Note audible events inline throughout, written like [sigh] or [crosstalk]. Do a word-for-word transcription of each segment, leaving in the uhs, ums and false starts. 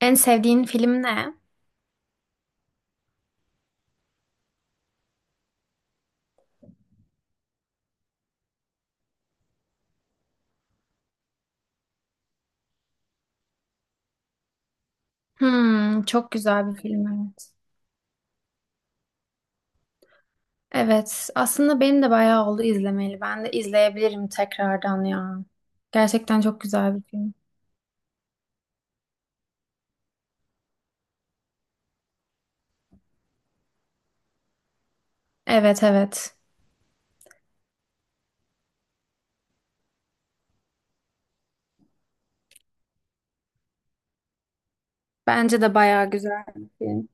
En sevdiğin film ne? Hmm, çok güzel bir film evet. Evet, aslında benim de bayağı oldu izlemeli. Ben de izleyebilirim tekrardan ya. Gerçekten çok güzel bir film. Evet evet. Bence de bayağı güzel bir film.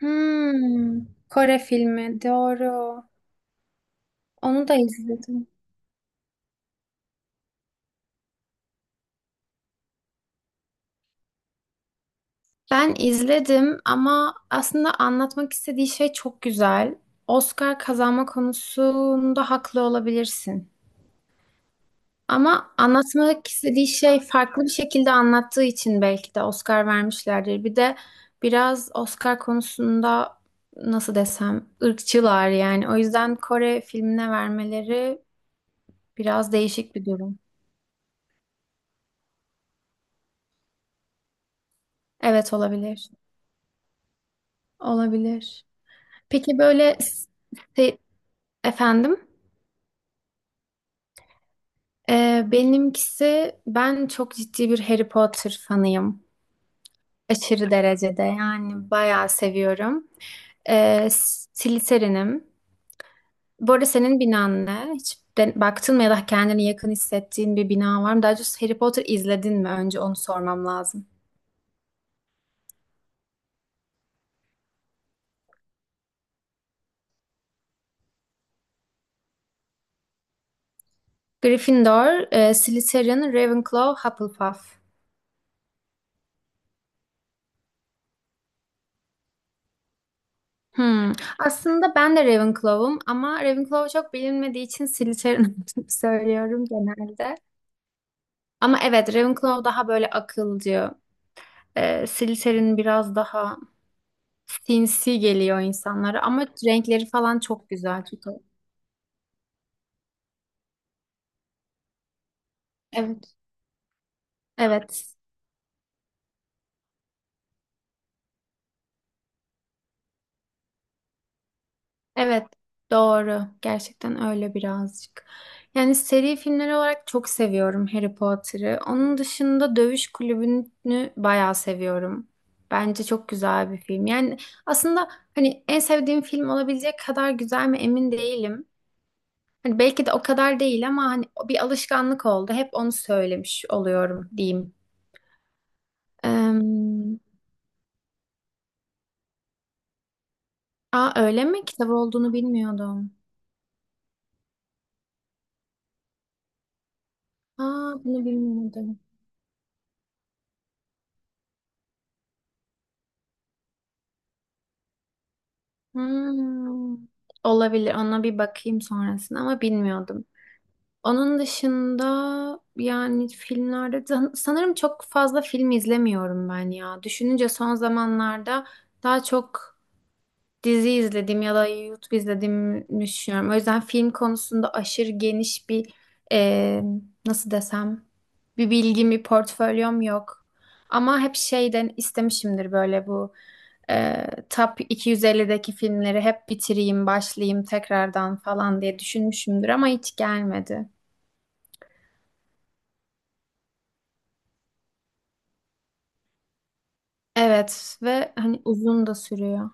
Hmm, Kore filmi doğru. Onu da izledim. Ben izledim ama aslında anlatmak istediği şey çok güzel. Oscar kazanma konusunda haklı olabilirsin. Ama anlatmak istediği şey farklı bir şekilde anlattığı için belki de Oscar vermişlerdir. Bir de biraz Oscar konusunda nasıl desem ırkçılar yani. O yüzden Kore filmine vermeleri biraz değişik bir durum. Evet olabilir. Olabilir. Peki böyle se- efendim. Ee, benimkisi ben çok ciddi bir Harry Potter fanıyım. Aşırı derecede yani bayağı seviyorum. Ee, Slytherin'im. Bu arada senin binan ne? Hiç de- baktın mı ya da kendini yakın hissettiğin bir bina var mı? Daha doğrusu Harry Potter izledin mi? Önce onu sormam lazım. Gryffindor, e, Slytherin, Ravenclaw, Hufflepuff. Hmm. Aslında ben de Ravenclaw'um ama Ravenclaw çok bilinmediği için Slytherin [laughs] olduğunu söylüyorum genelde. Ama evet Ravenclaw daha böyle akılcı. E, Slytherin biraz daha sinsi geliyor insanlara ama renkleri falan çok güzel. Çok... Evet. Evet. Evet, doğru. Gerçekten öyle birazcık. Yani seri filmler olarak çok seviyorum Harry Potter'ı. Onun dışında Dövüş Kulübü'nü bayağı seviyorum. Bence çok güzel bir film. Yani aslında hani en sevdiğim film olabilecek kadar güzel mi emin değilim. Hani belki de o kadar değil ama hani bir alışkanlık oldu. Hep onu söylemiş oluyorum diyeyim. Eee, aa öyle mi? Kitap olduğunu bilmiyordum. Aa bunu bilmiyordum. Hmm, olabilir. Ona bir bakayım sonrasında ama bilmiyordum. Onun dışında yani filmlerde san- sanırım çok fazla film izlemiyorum ben ya. Düşününce son zamanlarda daha çok dizi izledim ya da YouTube izlediğimi düşünüyorum. O yüzden film konusunda aşırı geniş bir e, nasıl desem bir bilgim, bir portfolyom yok. Ama hep şeyden istemişimdir böyle bu e, Top iki yüz ellideki filmleri hep bitireyim, başlayayım tekrardan falan diye düşünmüşümdür ama hiç gelmedi. Evet ve hani uzun da sürüyor.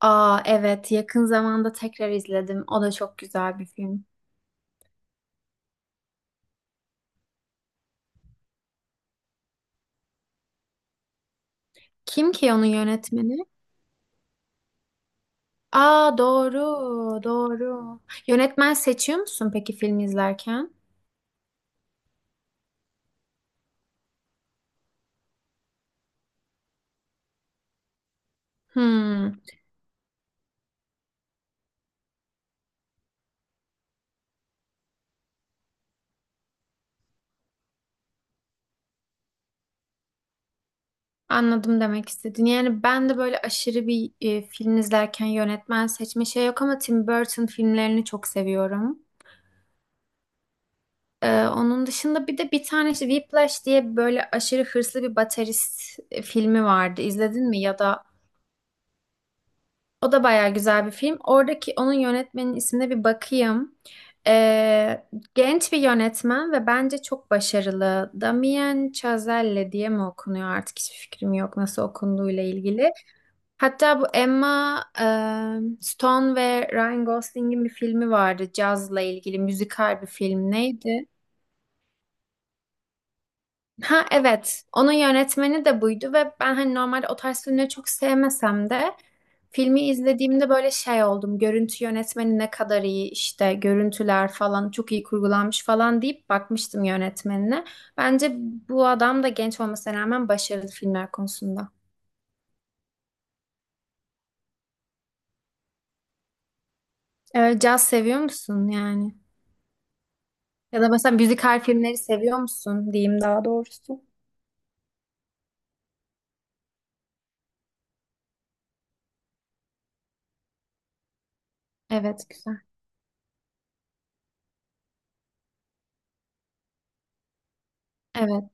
Aa evet yakın zamanda tekrar izledim. O da çok güzel bir film. Kim ki onun yönetmeni? Aa doğru, doğru. Yönetmen seçiyor musun peki film izlerken? Hmm, anladım demek istediğini. Yani ben de böyle aşırı bir e, film izlerken yönetmen seçme şey yok ama Tim Burton filmlerini çok seviyorum. Ee, onun dışında bir de bir tane işte Whiplash diye böyle aşırı hırslı bir baterist e, filmi vardı. İzledin mi ya da o da bayağı güzel bir film. Oradaki onun yönetmenin ismine bir bakayım. Ee, genç bir yönetmen ve bence çok başarılı. Damien Chazelle diye mi okunuyor artık hiçbir fikrim yok nasıl okunduğuyla ilgili. Hatta bu Emma e, Stone ve Ryan Gosling'in bir filmi vardı cazla ilgili müzikal bir film. Neydi? Ha evet. Onun yönetmeni de buydu ve ben hani normalde o tarz filmleri çok sevmesem de filmi izlediğimde böyle şey oldum. Görüntü yönetmeni ne kadar iyi işte görüntüler falan çok iyi kurgulanmış falan deyip bakmıştım yönetmenine. Bence bu adam da genç olmasına rağmen başarılı filmler konusunda. Ee, caz seviyor musun yani? Ya da mesela müzikal filmleri seviyor musun diyeyim daha doğrusu. Evet güzel. Evet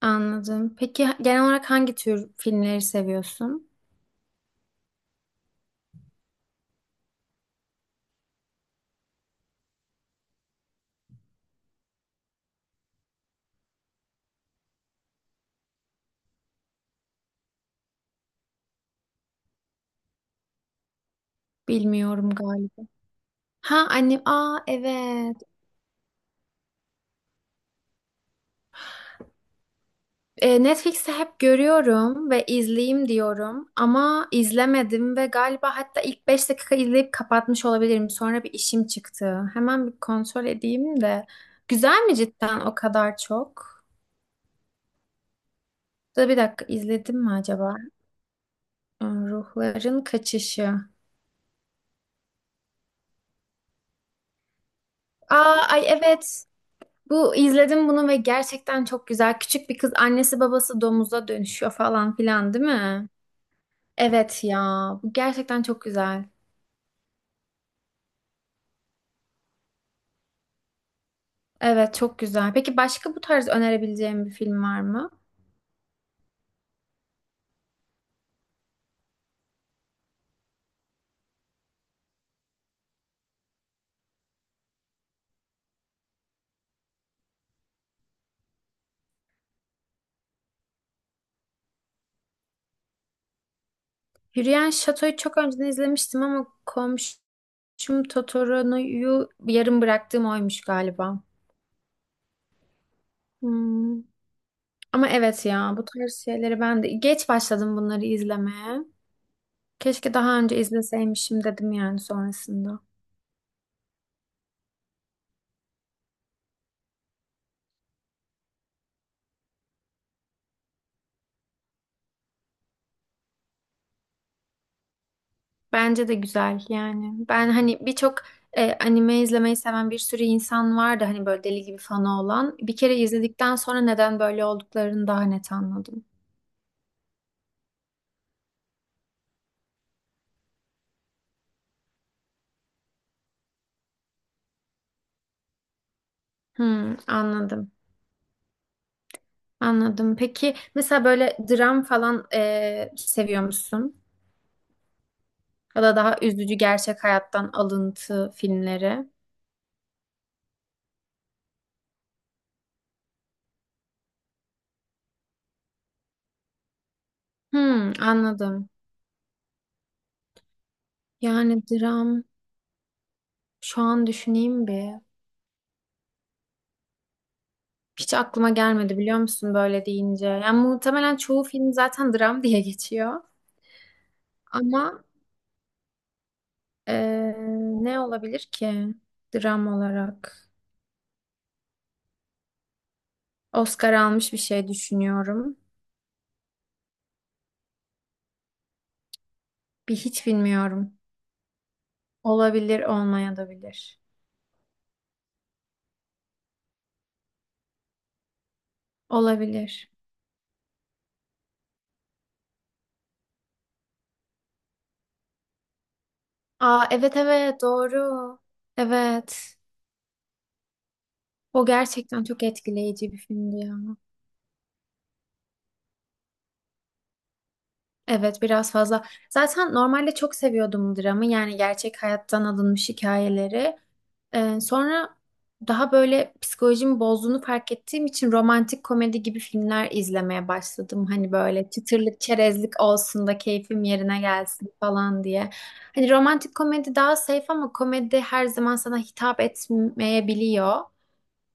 anladım. Peki genel olarak hangi tür filmleri seviyorsun? Bilmiyorum galiba. Ha annem, aa evet. E, Netflix'te hep görüyorum ve izleyeyim diyorum ama izlemedim ve galiba hatta ilk beş dakika izleyip kapatmış olabilirim. Sonra bir işim çıktı. Hemen bir kontrol edeyim de. Güzel mi cidden o kadar çok? Da bir dakika izledim mi acaba? Ee, Ruhların Kaçışı. Aa ay evet. Bu izledim bunu ve gerçekten çok güzel. Küçük bir kız annesi babası domuza dönüşüyor falan filan değil mi? Evet ya, bu gerçekten çok güzel. Evet, çok güzel. Peki başka bu tarz önerebileceğim bir film var mı? Hürriyet Şato'yu çok önceden izlemiştim ama komşum Totoro'yu yarım bıraktığım oymuş galiba. Hmm. Ama evet ya, bu tarz şeyleri ben de geç başladım bunları izlemeye. Keşke daha önce izleseymişim dedim yani sonrasında. Bence de güzel yani. Ben hani birçok e, anime izlemeyi seven bir sürü insan vardı hani böyle deli gibi fanı olan. Bir kere izledikten sonra neden böyle olduklarını daha net anladım. Hmm, anladım. Anladım. Peki mesela böyle dram falan e, seviyor musun? Ya da daha üzücü gerçek hayattan alıntı filmleri. Hmm, anladım. Yani dram şu an düşüneyim bir. Hiç aklıma gelmedi biliyor musun böyle deyince. Yani muhtemelen çoğu film zaten dram diye geçiyor. Ama eee, ne olabilir ki dram olarak? Oscar almış bir şey düşünüyorum. Bir hiç bilmiyorum. Olabilir, olmaya da bilir. Olabilir. Aa evet evet doğru. Evet. O gerçekten çok etkileyici bir filmdi ya. Evet biraz fazla. Zaten normalde çok seviyordum dramı. Yani gerçek hayattan alınmış hikayeleri. Ee, sonra daha böyle psikolojimi bozduğunu fark ettiğim için romantik komedi gibi filmler izlemeye başladım. Hani böyle çıtırlık, çerezlik olsun da keyfim yerine gelsin falan diye. Hani romantik komedi daha safe ama komedi her zaman sana hitap etmeyebiliyor.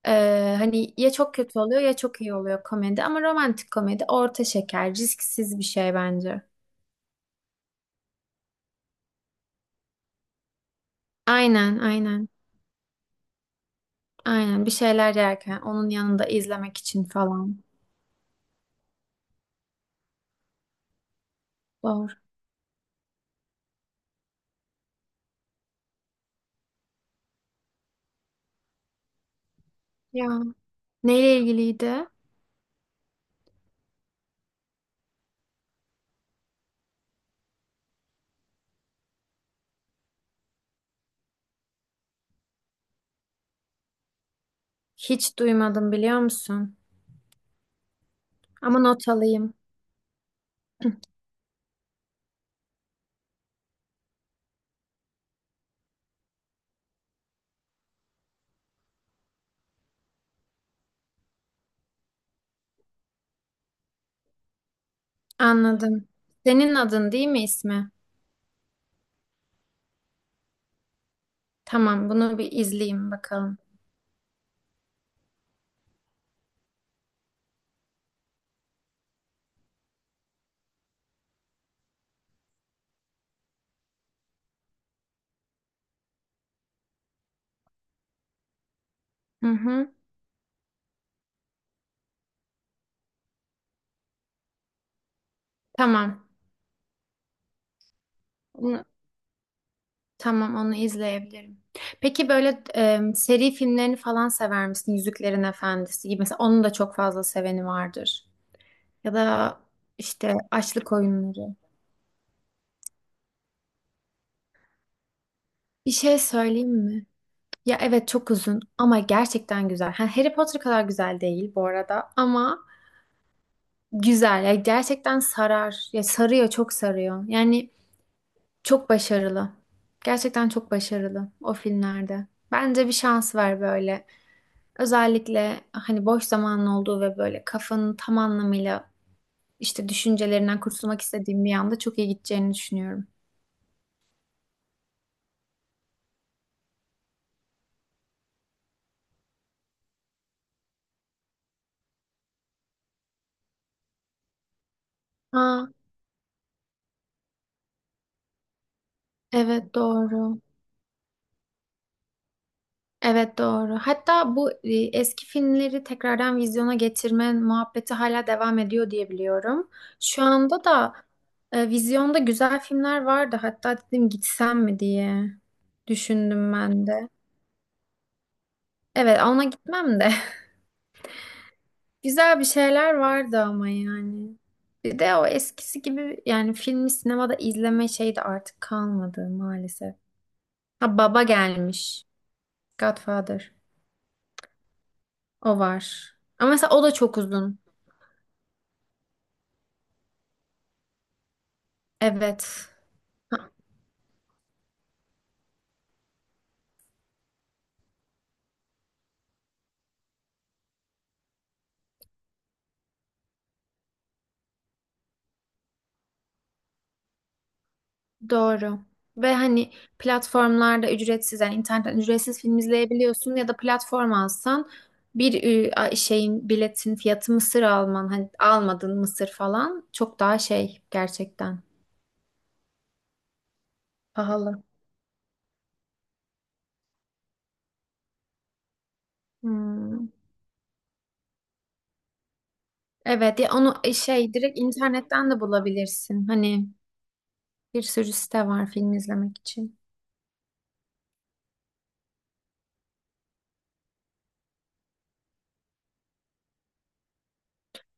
Ee, hani ya çok kötü oluyor ya çok iyi oluyor komedi ama romantik komedi orta şeker, risksiz bir şey bence. Aynen, aynen. Aynen bir şeyler yerken onun yanında izlemek için falan. Doğru. Ya neyle ilgiliydi? Hiç duymadım biliyor musun? Ama not alayım. [clears throat] Anladım. Senin adın değil mi ismi? Tamam, bunu bir izleyeyim bakalım. Hı hı. Tamam. Onu, tamam, onu izleyebilirim. Peki böyle e, seri filmlerini falan sever misin? Yüzüklerin Efendisi gibi. Mesela onun da çok fazla seveni vardır. Ya da işte Açlık Oyunları. Bir şey söyleyeyim mi? Ya evet çok uzun ama gerçekten güzel. Ha, Harry Potter kadar güzel değil bu arada ama güzel. Ya gerçekten sarar. Ya sarıyor, çok sarıyor. Yani çok başarılı. Gerçekten çok başarılı o filmlerde. Bence bir şans ver böyle. Özellikle hani boş zamanın olduğu ve böyle kafanın tam anlamıyla işte düşüncelerinden kurtulmak istediğim bir anda çok iyi gideceğini düşünüyorum. Ha, evet doğru. Evet doğru. Hatta bu e, eski filmleri tekrardan vizyona getirme muhabbeti hala devam ediyor diye biliyorum. Şu anda da e, vizyonda güzel filmler vardı. Hatta dedim gitsem mi diye düşündüm ben de. Evet ona gitmem de. [laughs] Güzel bir şeyler vardı ama yani. Bir de o eskisi gibi yani filmi sinemada izleme şeyi de artık kalmadı maalesef. Ha Baba gelmiş. Godfather. O var. Ama mesela o da çok uzun. Evet. Doğru. Ve hani platformlarda ücretsiz yani internetten ücretsiz film izleyebiliyorsun ya da platform alsan bir e, a- şeyin biletin fiyatı mısır alman hani almadın mısır falan çok daha şey gerçekten pahalı. Hmm. Evet ya onu e, şey direkt internetten de bulabilirsin. Hani bir sürü site var film izlemek için.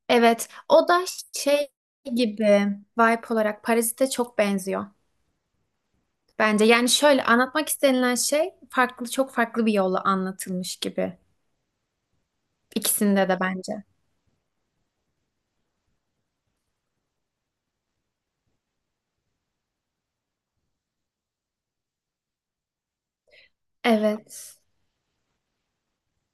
Evet o da şey gibi vibe olarak Parazit'e çok benziyor. Bence yani şöyle anlatmak istenilen şey farklı çok farklı bir yolla anlatılmış gibi. İkisinde de bence. Evet.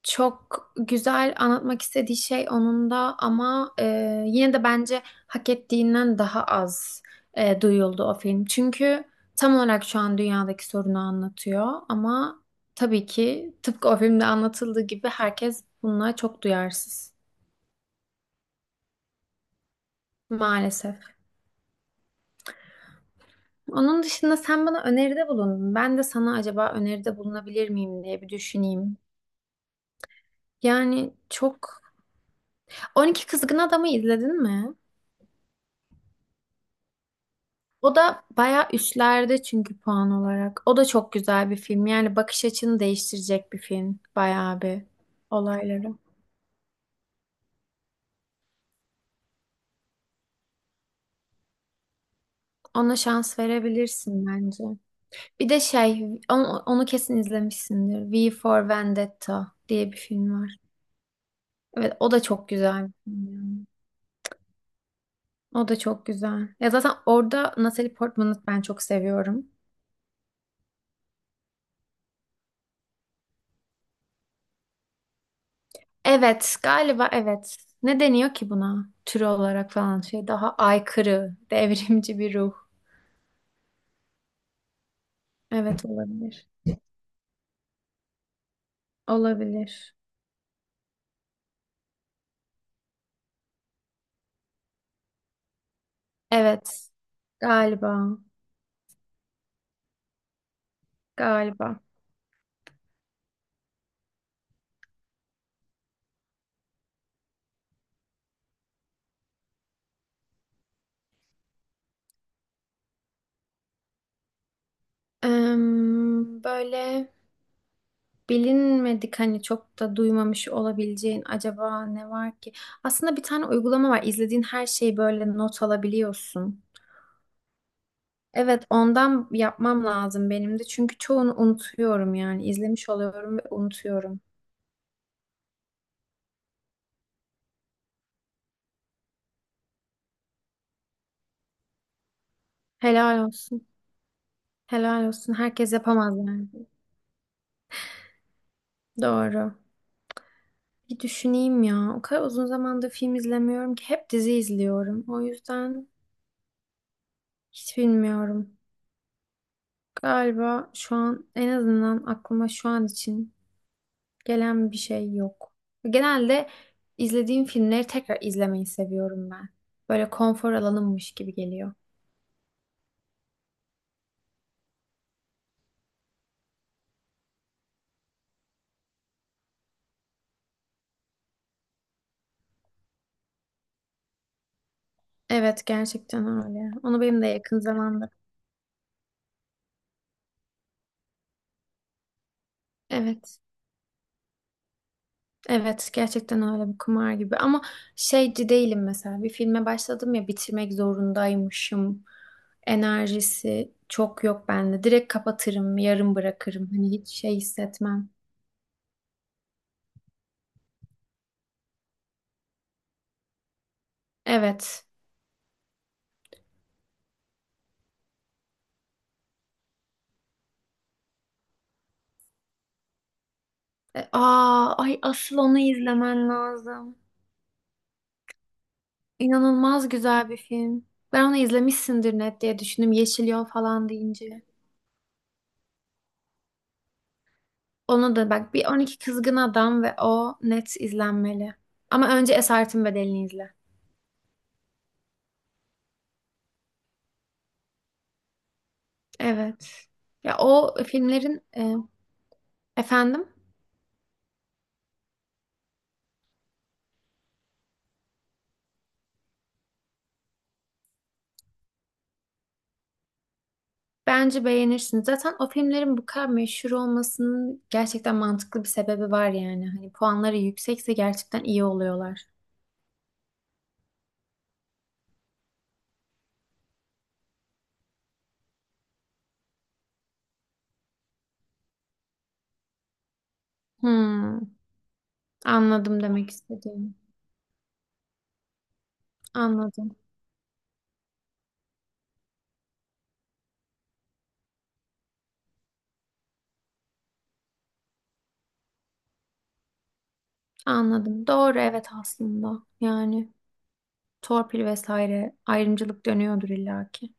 Çok güzel anlatmak istediği şey onun da ama e, yine de bence hak ettiğinden daha az e, duyuldu o film. Çünkü tam olarak şu an dünyadaki sorunu anlatıyor ama tabii ki tıpkı o filmde anlatıldığı gibi herkes bununla çok duyarsız. Maalesef. Onun dışında sen bana öneride bulundun. Ben de sana acaba öneride bulunabilir miyim diye bir düşüneyim. Yani çok... on iki Kızgın Adam'ı izledin mi? O da bayağı üstlerde çünkü puan olarak. O da çok güzel bir film. Yani bakış açını değiştirecek bir film. Bayağı bir olayları. Ona şans verebilirsin bence. Bir de şey, onu, onu kesin izlemişsindir. V for Vendetta diye bir film var. Evet, o da çok güzel bir film yani. O da çok güzel. Ya zaten orada Natalie Portman'ı ben çok seviyorum. Evet, galiba evet. Ne deniyor ki buna? Tür olarak falan şey daha aykırı, devrimci bir ruh. Evet olabilir. Olabilir. Evet, galiba. Galiba. Em, böyle bilinmedik hani çok da duymamış olabileceğin acaba ne var ki? Aslında bir tane uygulama var. İzlediğin her şeyi böyle not alabiliyorsun. Evet, ondan yapmam lazım benim de. Çünkü çoğunu unutuyorum yani. İzlemiş oluyorum ve unutuyorum. Helal olsun. Helal olsun. Herkes yapamaz yani. Doğru. Bir düşüneyim ya. O kadar uzun zamandır film izlemiyorum ki hep dizi izliyorum. O yüzden hiç bilmiyorum. Galiba şu an en azından aklıma şu an için gelen bir şey yok. Genelde izlediğim filmleri tekrar izlemeyi seviyorum ben. Böyle konfor alanımmış gibi geliyor. Evet gerçekten öyle. Onu benim de yakın zamanda. Evet. Evet gerçekten öyle bir kumar gibi. Ama şeyci değilim mesela. Bir filme başladım ya bitirmek zorundaymışım. Enerjisi çok yok bende. Direkt kapatırım, yarım bırakırım. Hani hiç şey hissetmem. Evet. E, aa, ay asıl onu izlemen lazım. İnanılmaz güzel bir film. Ben onu izlemişsindir net diye düşündüm. Yeşil Yol falan deyince. Onu da bak bir on iki Kızgın Adam ve o net izlenmeli. Ama önce Esaretin Bedeli'ni izle. Evet. Ya o filmlerin e, efendim bence beğenirsiniz. Zaten o filmlerin bu kadar meşhur olmasının gerçekten mantıklı bir sebebi var yani. Hani puanları yüksekse gerçekten iyi oluyorlar. Hmm, anladım demek istediğimi. Anladım. Anladım. Doğru evet aslında. Yani torpil vesaire ayrımcılık dönüyordur illaki.